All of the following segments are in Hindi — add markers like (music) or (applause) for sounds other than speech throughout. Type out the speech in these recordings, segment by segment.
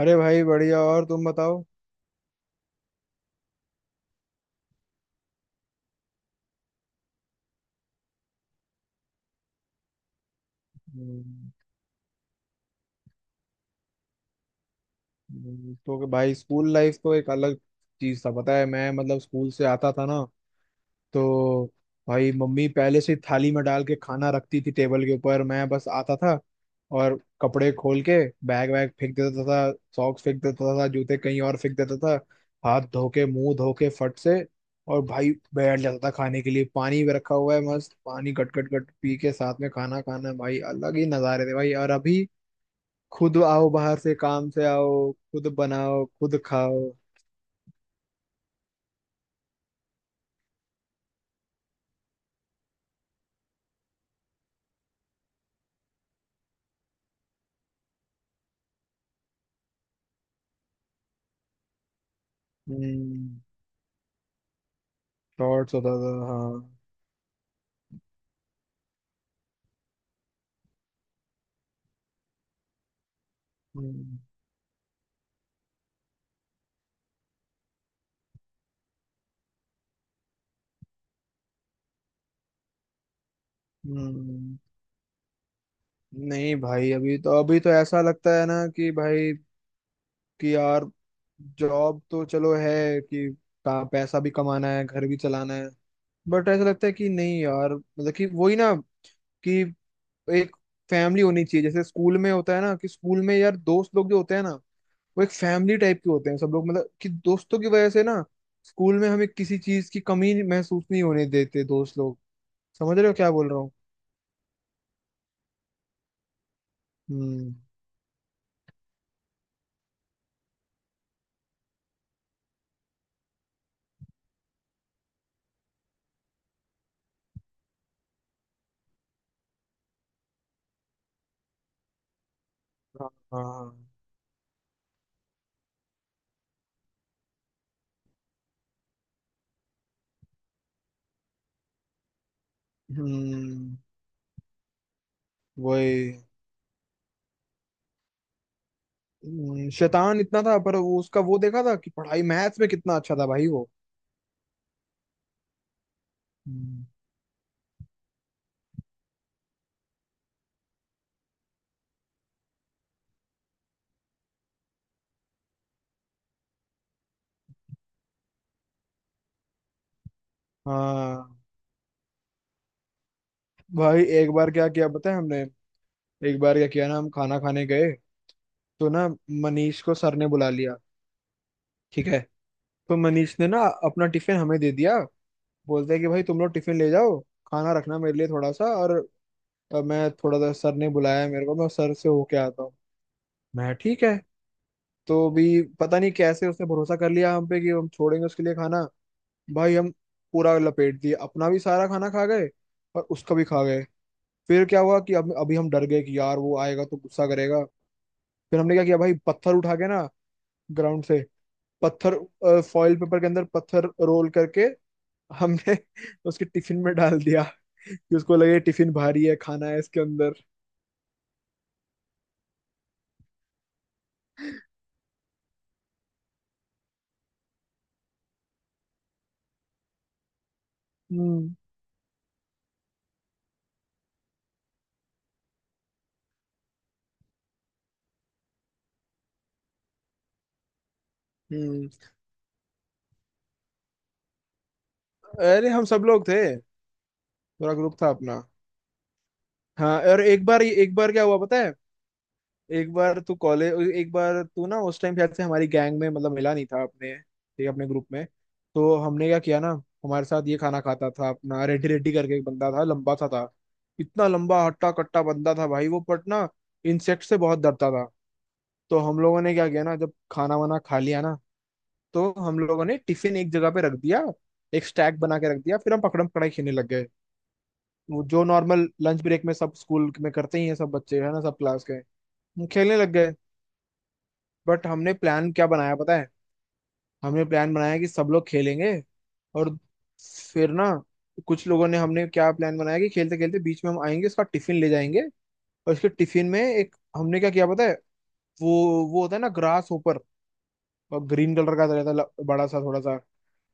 अरे भाई बढ़िया और तुम बताओ। हम्म, तो भाई स्कूल लाइफ तो एक अलग चीज था पता है। मैं मतलब स्कूल से आता था ना तो भाई मम्मी पहले से थाली में डाल के खाना रखती थी टेबल के ऊपर। मैं बस आता था और कपड़े खोल के बैग वैग फेंक देता था सॉक्स फेंक देता था जूते कहीं और फेंक देता था। हाथ धो के मुंह धो के फट से और भाई बैठ जाता था खाने के लिए। पानी भी रखा हुआ है मस्त पानी गट गट गट पी के साथ में खाना खाना भाई अलग ही नजारे थे भाई। और अभी खुद आओ बाहर से काम से आओ खुद बनाओ खुद खाओ। हम्म। शॉर्ट्स होता था हाँ। हम्म। हम्म, नहीं भाई अभी तो ऐसा लगता है ना कि भाई कि यार जॉब तो चलो है कि पैसा भी कमाना है घर भी चलाना है। बट ऐसा लगता है कि नहीं यार मतलब कि वही ना कि एक फैमिली होनी चाहिए जैसे स्कूल में होता है ना कि स्कूल में यार दोस्त लोग जो होते हैं ना वो एक फैमिली टाइप के होते हैं सब लोग। मतलब कि दोस्तों की वजह से ना स्कूल में हमें किसी चीज की कमी नहीं- महसूस नहीं होने देते दोस्त लोग। समझ रहे हो क्या बोल रहा हूँ? हम्म। हाँ हाँ। हम्म। वही। शैतान इतना था पर वो उसका वो देखा था कि पढ़ाई मैथ्स में कितना अच्छा था भाई वो। हम्म, हाँ। भाई एक बार क्या किया पता है हमने। एक बार क्या किया ना हम खाना खाने गए तो ना मनीष को सर ने बुला लिया। ठीक है। तो मनीष ने ना अपना टिफिन हमें दे दिया। बोलते हैं कि भाई तुम लोग टिफिन ले जाओ खाना रखना मेरे लिए थोड़ा सा और। मैं थोड़ा सा सर ने बुलाया है मेरे को मैं सर से होके आता हूँ। मैं ठीक है। तो भी पता नहीं कैसे उसने भरोसा कर लिया हम पे कि हम छोड़ेंगे उसके लिए खाना। भाई हम पूरा लपेट दिए अपना भी सारा खाना खा गए और उसका भी खा गए। फिर क्या हुआ कि अब अभी हम डर गए कि यार वो आएगा तो गुस्सा करेगा। फिर हमने क्या किया भाई पत्थर उठा के ना ग्राउंड से पत्थर फॉइल पेपर के अंदर पत्थर रोल करके हमने उसके टिफिन में डाल दिया। कि उसको लगे टिफिन भारी है खाना है इसके अंदर। हम्म। हम्म। अरे हम सब लोग थे पूरा ग्रुप था अपना। हाँ और एक बार क्या हुआ पता है। एक बार तू कॉलेज एक बार तू ना उस टाइम शायद से हमारी गैंग में मतलब मिला नहीं था अपने ठीक है, अपने ग्रुप में। तो हमने क्या किया ना हमारे साथ ये खाना खाता था अपना रेड्डी रेड्डी करके एक बंदा था लंबा सा था। इतना लंबा हट्टा कट्टा बंदा था भाई वो पट ना इंसेक्ट से बहुत डरता था। तो हम लोगों ने क्या किया ना जब खाना वाना खा लिया ना तो हम लोगों ने टिफिन एक जगह पे रख दिया एक स्टैक बना के रख दिया फिर हम पकड़म पकड़ाई खेलने लग गए। वो जो नॉर्मल लंच ब्रेक में सब स्कूल में करते ही हैं सब बच्चे है ना सब क्लास के। हम खेलने लग गए। बट हमने प्लान क्या बनाया पता है। हमने प्लान बनाया कि सब लोग खेलेंगे और फिर ना कुछ लोगों ने हमने क्या प्लान बनाया कि खेलते खेलते बीच में हम आएंगे उसका टिफिन ले जाएंगे। और उसके टिफिन में एक हमने क्या किया पता है वो वो होता है ना ग्रास ऊपर और ग्रीन कलर का रहता है बड़ा सा थोड़ा सा।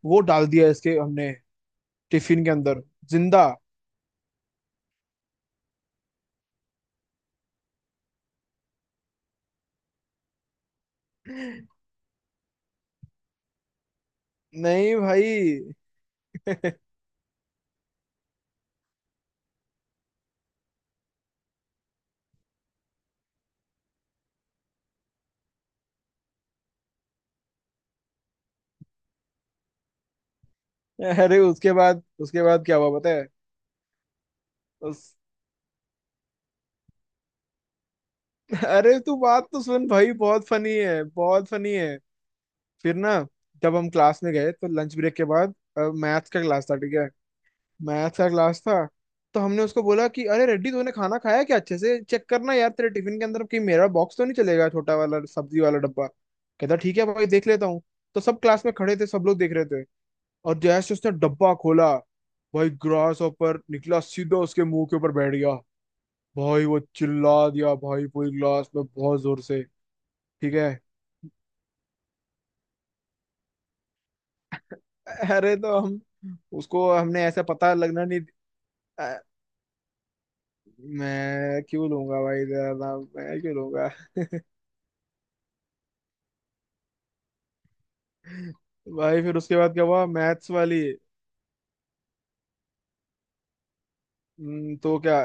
वो डाल दिया इसके हमने टिफिन के अंदर जिंदा। नहीं भाई। (laughs) अरे उसके बाद क्या हुआ पता है। उस अरे तू बात तो सुन भाई बहुत फनी है बहुत फनी है। फिर ना जब हम क्लास में गए तो लंच ब्रेक के बाद मैथ्स का क्लास था। ठीक है। मैथ्स का क्लास था। तो हमने उसको बोला कि अरे रेड्डी तूने खाना खाया क्या अच्छे से चेक करना यार तेरे टिफिन के अंदर कि मेरा बॉक्स तो नहीं चलेगा छोटा वाला सब्जी वाला डब्बा। कहता ठीक है भाई देख लेता हूँ। तो सब क्लास में खड़े थे सब लोग देख रहे थे। और जैसे उसने डब्बा खोला भाई ग्रास ऊपर निकला सीधा उसके मुंह के ऊपर बैठ गया। भाई वो चिल्ला दिया भाई पूरी क्लास में बहुत जोर से। ठीक है। अरे तो हम उसको हमने ऐसा पता लगना नहीं। अ, मैं क्यों लूंगा भाई तेरा नाम मैं क्यों लूंगा। (laughs) भाई फिर उसके बाद क्या हुआ मैथ्स वाली। तो क्या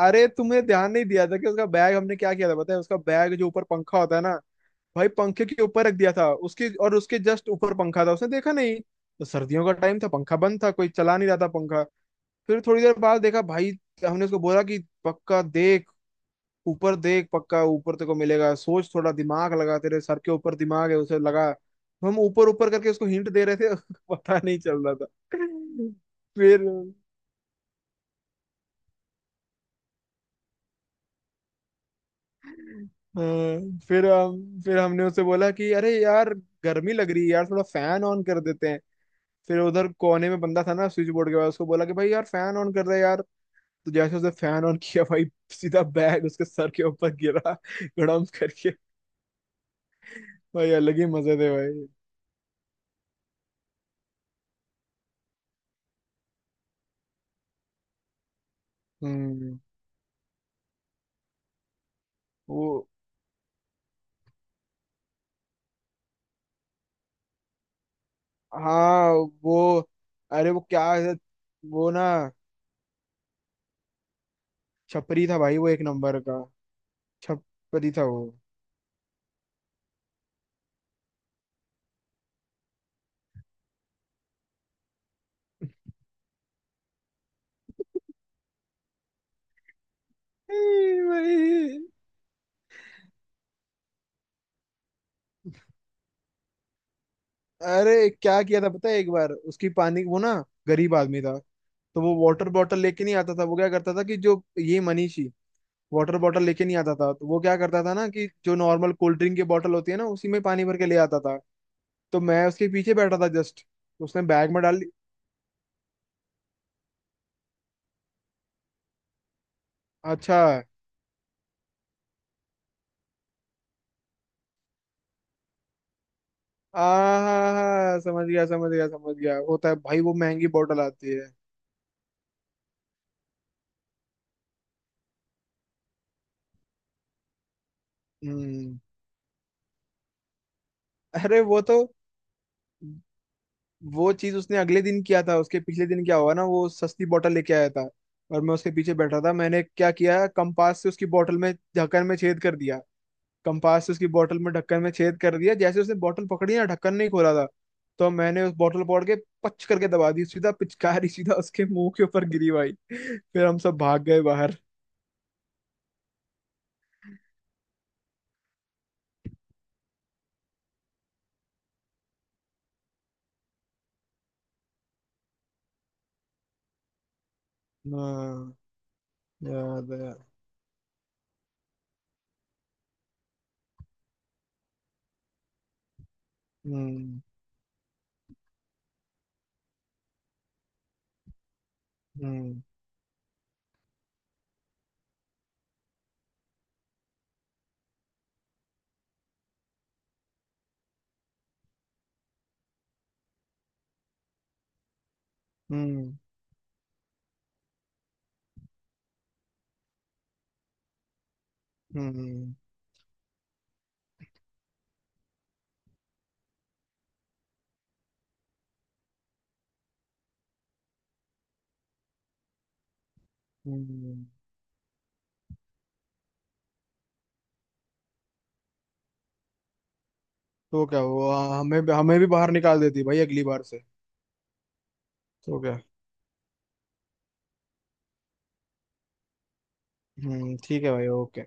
अरे तुमने ध्यान नहीं दिया था कि उसका बैग हमने क्या किया था पता है उसका बैग जो ऊपर पंखा होता है ना। भाई पंखे के ऊपर रख दिया था उसके और उसके जस्ट ऊपर पंखा था उसने देखा नहीं। तो सर्दियों का टाइम था पंखा बंद था कोई चला नहीं रहा था पंखा। फिर थोड़ी देर बाद देखा भाई। हमने उसको बोला कि पक्का देख ऊपर देख पक्का ऊपर तेरे को मिलेगा सोच थोड़ा दिमाग लगा तेरे सर के ऊपर दिमाग है उसे लगा तो हम ऊपर ऊपर करके उसको हिंट दे रहे थे। (laughs) पता नहीं चल रहा था। फिर हाँ, फिर हमने उसे बोला कि अरे यार गर्मी लग रही है यार थोड़ा फैन ऑन कर देते हैं। फिर उधर कोने में बंदा था ना स्विच बोर्ड के पास उसको बोला कि भाई यार फैन ऑन कर दे यार। तो जैसे उसने फैन ऑन किया भाई सीधा बैग उसके सर के ऊपर गिरा गड़म करके। भाई अलग ही मजे थे भाई। हम्म। वो हाँ वो अरे वो क्या है, वो ना छपरी था भाई वो एक नंबर का। छपरी था वो। ए भाई। अरे क्या किया था पता है एक बार उसकी पानी वो ना गरीब आदमी था। तो वो वाटर बॉटल लेके नहीं आता था वो क्या करता था कि जो ये मनीष वाटर बॉटल लेके नहीं आता था तो वो क्या करता था ना कि जो नॉर्मल कोल्ड ड्रिंक की बॉटल होती है ना उसी में पानी भर के ले आता था। तो मैं उसके पीछे बैठा था जस्ट उसने बैग में डाल ली। अच्छा आ समझ गया समझ गया समझ गया होता है भाई वो महंगी बॉटल आती है। हम्म। अरे वो तो वो चीज उसने अगले दिन किया था उसके पिछले दिन क्या हुआ ना वो सस्ती बॉटल लेके आया था। और मैं उसके पीछे बैठा था मैंने क्या किया कंपास से उसकी बॉटल में ढक्कन में छेद कर दिया। कंपास से उसकी बोतल में ढक्कन में छेद कर दिया जैसे उसने बोतल पकड़ी ना ढक्कन नहीं खोला था। तो मैंने उस बोतल पकड़ के पच करके दबा दी सीधा पिचकारी सीधा उसके मुंह के ऊपर गिरी भाई फिर हम सब भाग गए बाहर। हाँ। याद है। हम्म। हम्म। हम्म। हम्म। हम्म। तो क्या हुआ हमें हमें भी बाहर निकाल देती भाई अगली बार से। तो क्या। ठीक है भाई ओके।